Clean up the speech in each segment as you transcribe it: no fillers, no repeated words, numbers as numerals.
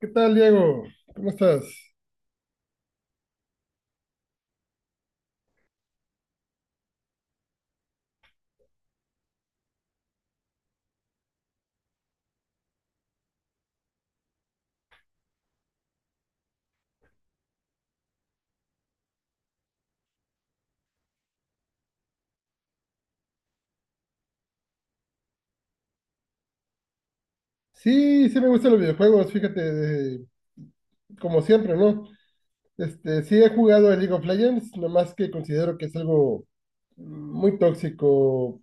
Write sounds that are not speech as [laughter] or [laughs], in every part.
¿Qué tal, Diego? ¿Cómo estás? Sí, sí me gustan los videojuegos, fíjate, como siempre, ¿no? Este, sí he jugado a League of Legends, nomás que considero que es algo muy tóxico.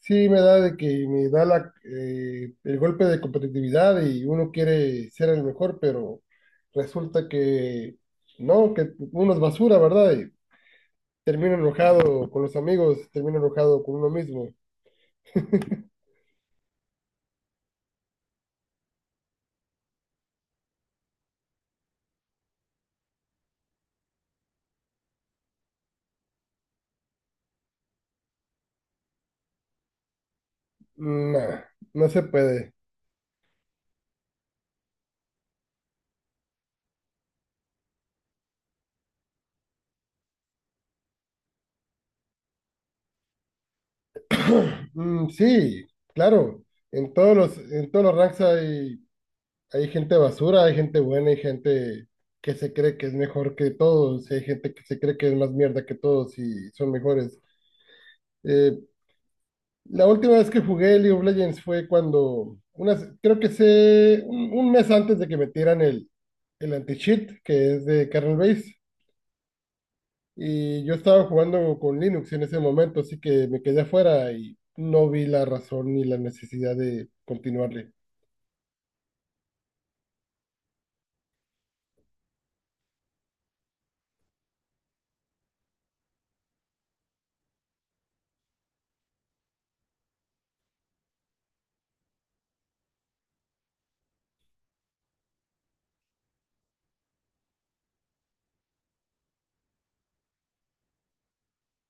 Sí me da de que me da la, el golpe de competitividad y uno quiere ser el mejor, pero resulta que no, que uno es basura, ¿verdad? Y termino enojado con los amigos, termino enojado con uno mismo. Nah, no se puede. Mm, sí, claro. En todos los ranks hay gente basura, hay gente buena, hay gente que se cree que es mejor que todos, y hay gente que se cree que es más mierda que todos y son mejores. Eh, la última vez que jugué League of Legends fue cuando, unas, creo que sé, un mes antes de que metieran el anti-cheat, que es de kernel base, y yo estaba jugando con Linux en ese momento, así que me quedé afuera y no vi la razón ni la necesidad de continuarle.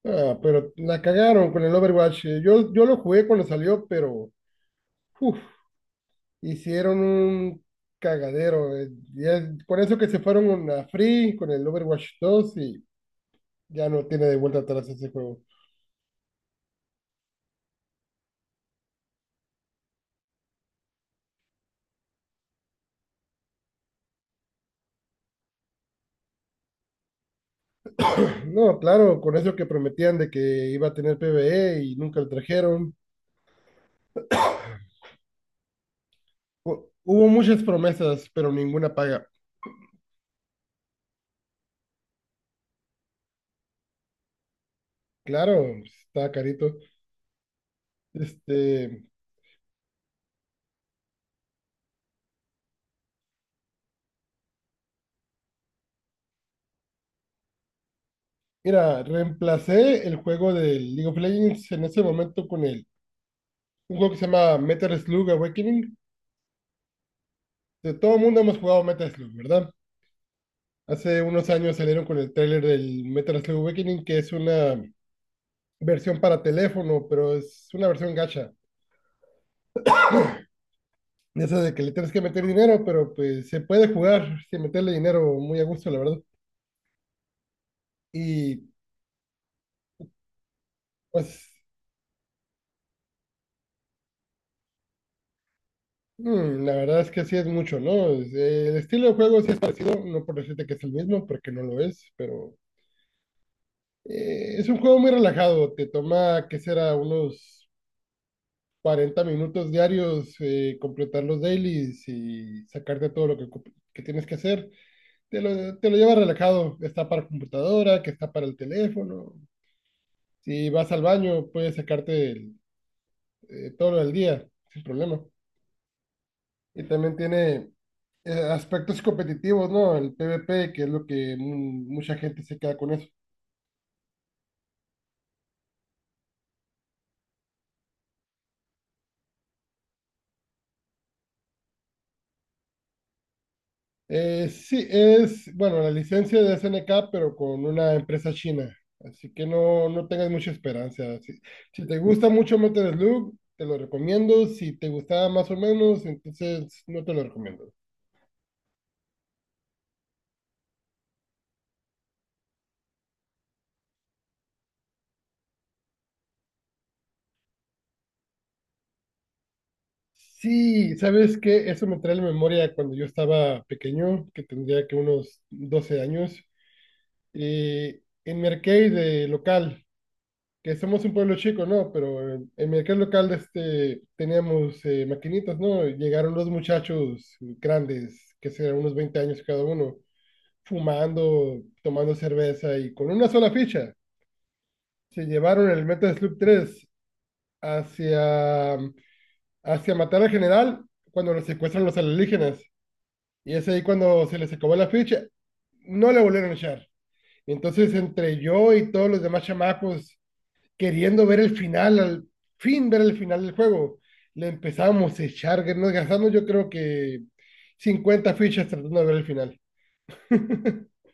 Ah, pero la cagaron con el Overwatch. Yo lo jugué cuando salió, pero uf, hicieron un cagadero. Con eso que se fueron a Free con el Overwatch 2 y ya no tiene de vuelta atrás ese juego. [clears throat] No, claro, con eso que prometían de que iba a tener PvE y nunca lo trajeron. Hubo muchas promesas, pero ninguna paga. Claro, está carito. Este, mira, reemplacé el juego del League of Legends en ese momento con el un juego que se llama Metal Slug Awakening. De todo el mundo hemos jugado Metal Slug, ¿verdad? Hace unos años salieron con el tráiler del Metal Slug Awakening, que es una versión para teléfono, pero es una versión gacha. De esa de que le tienes que meter dinero, pero pues se puede jugar sin meterle dinero muy a gusto, la verdad. Y pues la verdad es que sí es mucho, ¿no? El estilo de juego sí es parecido, no por decirte que es el mismo, porque no lo es, pero es un juego muy relajado. Te toma, ¿qué será? Unos 40 minutos diarios, completar los dailies y sacarte todo lo que tienes que hacer. Te lo llevas relajado, está para computadora, que está para el teléfono. Si vas al baño, puedes sacarte todo lo del día, sin problema. Y también tiene aspectos competitivos, ¿no? El PvP, que es lo que mucha gente se queda con eso. Sí, es, bueno, la licencia de SNK, pero con una empresa china. Así que no, no tengas mucha esperanza. Si, si te gusta mucho Metal Slug, te lo recomiendo. Si te gustaba más o menos, entonces no te lo recomiendo. Sí, ¿sabes qué? Eso me trae a la memoria cuando yo estaba pequeño, que tendría que unos 12 años. En mi arcade local, que somos un pueblo chico, ¿no? Pero en el mercado local este, teníamos maquinitas, ¿no? Y llegaron los muchachos grandes, que serán unos 20 años cada uno, fumando, tomando cerveza y con una sola ficha. Se llevaron el Metal Slug 3 hacia, hacia matar al general cuando lo secuestran los alienígenas. Y es ahí cuando se les acabó la ficha. No le volvieron a echar. Entonces, entre yo y todos los demás chamacos, queriendo ver el final, al fin ver el final del juego. Le empezamos a echar, que nos gastamos yo creo que 50 fichas tratando de ver el final. [laughs]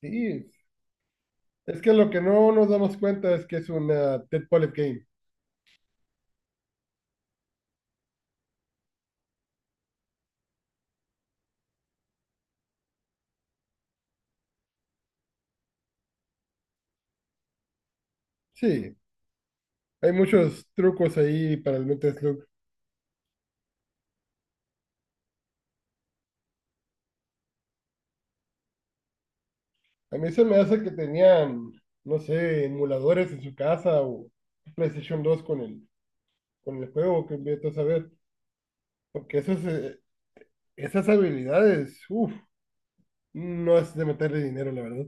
Sí, es que lo que no nos damos cuenta es que es una Dead Polyp Game. Sí, hay muchos trucos ahí para el Metal Slug. A mí se me hace que tenían, no sé, emuladores en su casa o PlayStation 2 con el juego que inviertes a ver. Porque esas habilidades, uff, no es de meterle dinero, la verdad.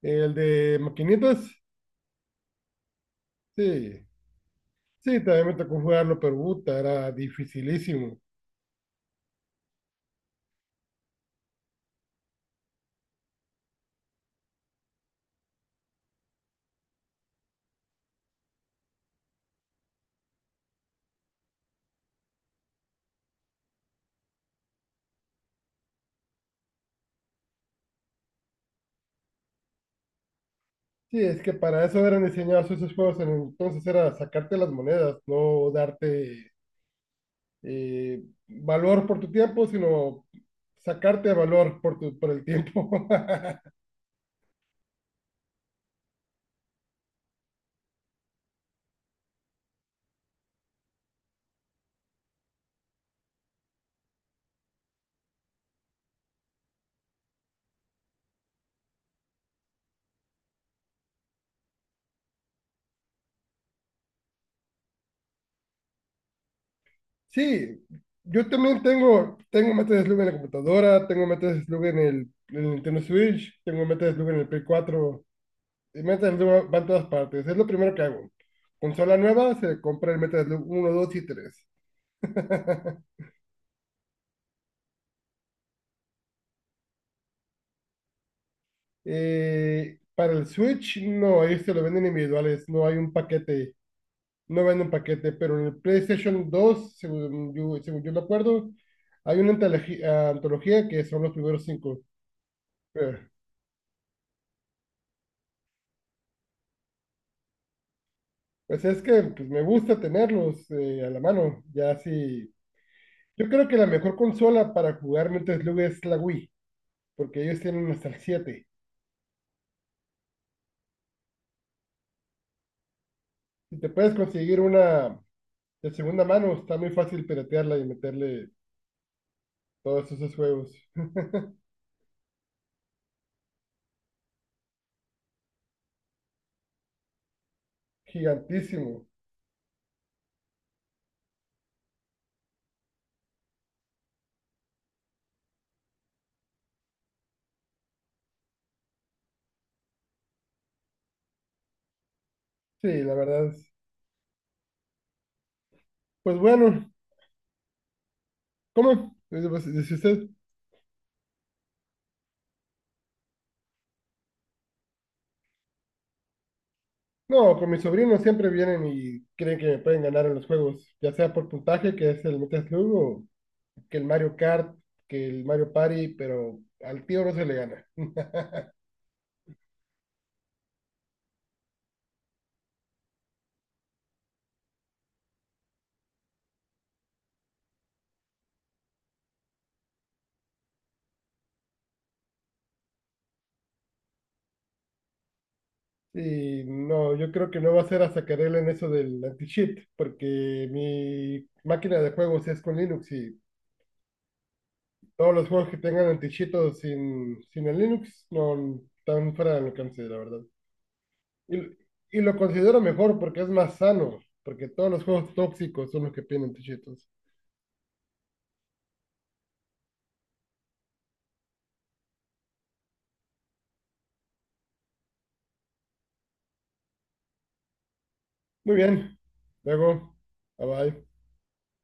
El de maquinitas, sí. Sí, también me tocó jugarlo, pero puta, era dificilísimo. Sí, es que para eso eran diseñados esos juegos en el entonces, era sacarte las monedas, no darte valor por tu tiempo, sino sacarte valor por el tiempo. [laughs] Sí, yo también tengo Metal Slug en la computadora, tengo Metal Slug en el Nintendo Switch, tengo Metal Slug en el Play 4. El Metal Slug va en todas partes. Es lo primero que hago. Consola nueva, se compra el Metal Slug 1, 2 y 3. [laughs] Para el Switch, no, ellos se lo venden individuales. No hay un paquete. No venden paquete. Pero en el PlayStation 2, según yo me acuerdo, hay una antología que son los primeros cinco. Eh, Pues es que pues, me gusta tenerlos a la mano. Ya sí. Yo creo que la mejor consola para jugar Metal Slug es la Wii, porque ellos tienen hasta el 7. Si te puedes conseguir una de segunda mano, está muy fácil piratearla y meterle todos esos juegos. Gigantísimo. Sí, la verdad. Pues bueno, ¿cómo? Dice pues, dice usted. No, con mis sobrinos siempre vienen y creen que me pueden ganar en los juegos, ya sea por puntaje, que es el Metal Slug, o que el Mario Kart, que el Mario Party, pero al tío no se le gana. Y no, yo creo que no va a ser hasta que arreglen eso del anti-cheat, porque mi máquina de juegos es con Linux y todos los juegos que tengan antichito sin el Linux no están fuera del alcance, la verdad. Y, y lo considero mejor porque es más sano, porque todos los juegos tóxicos son los que tienen antichitos. Muy bien, luego, bye bye.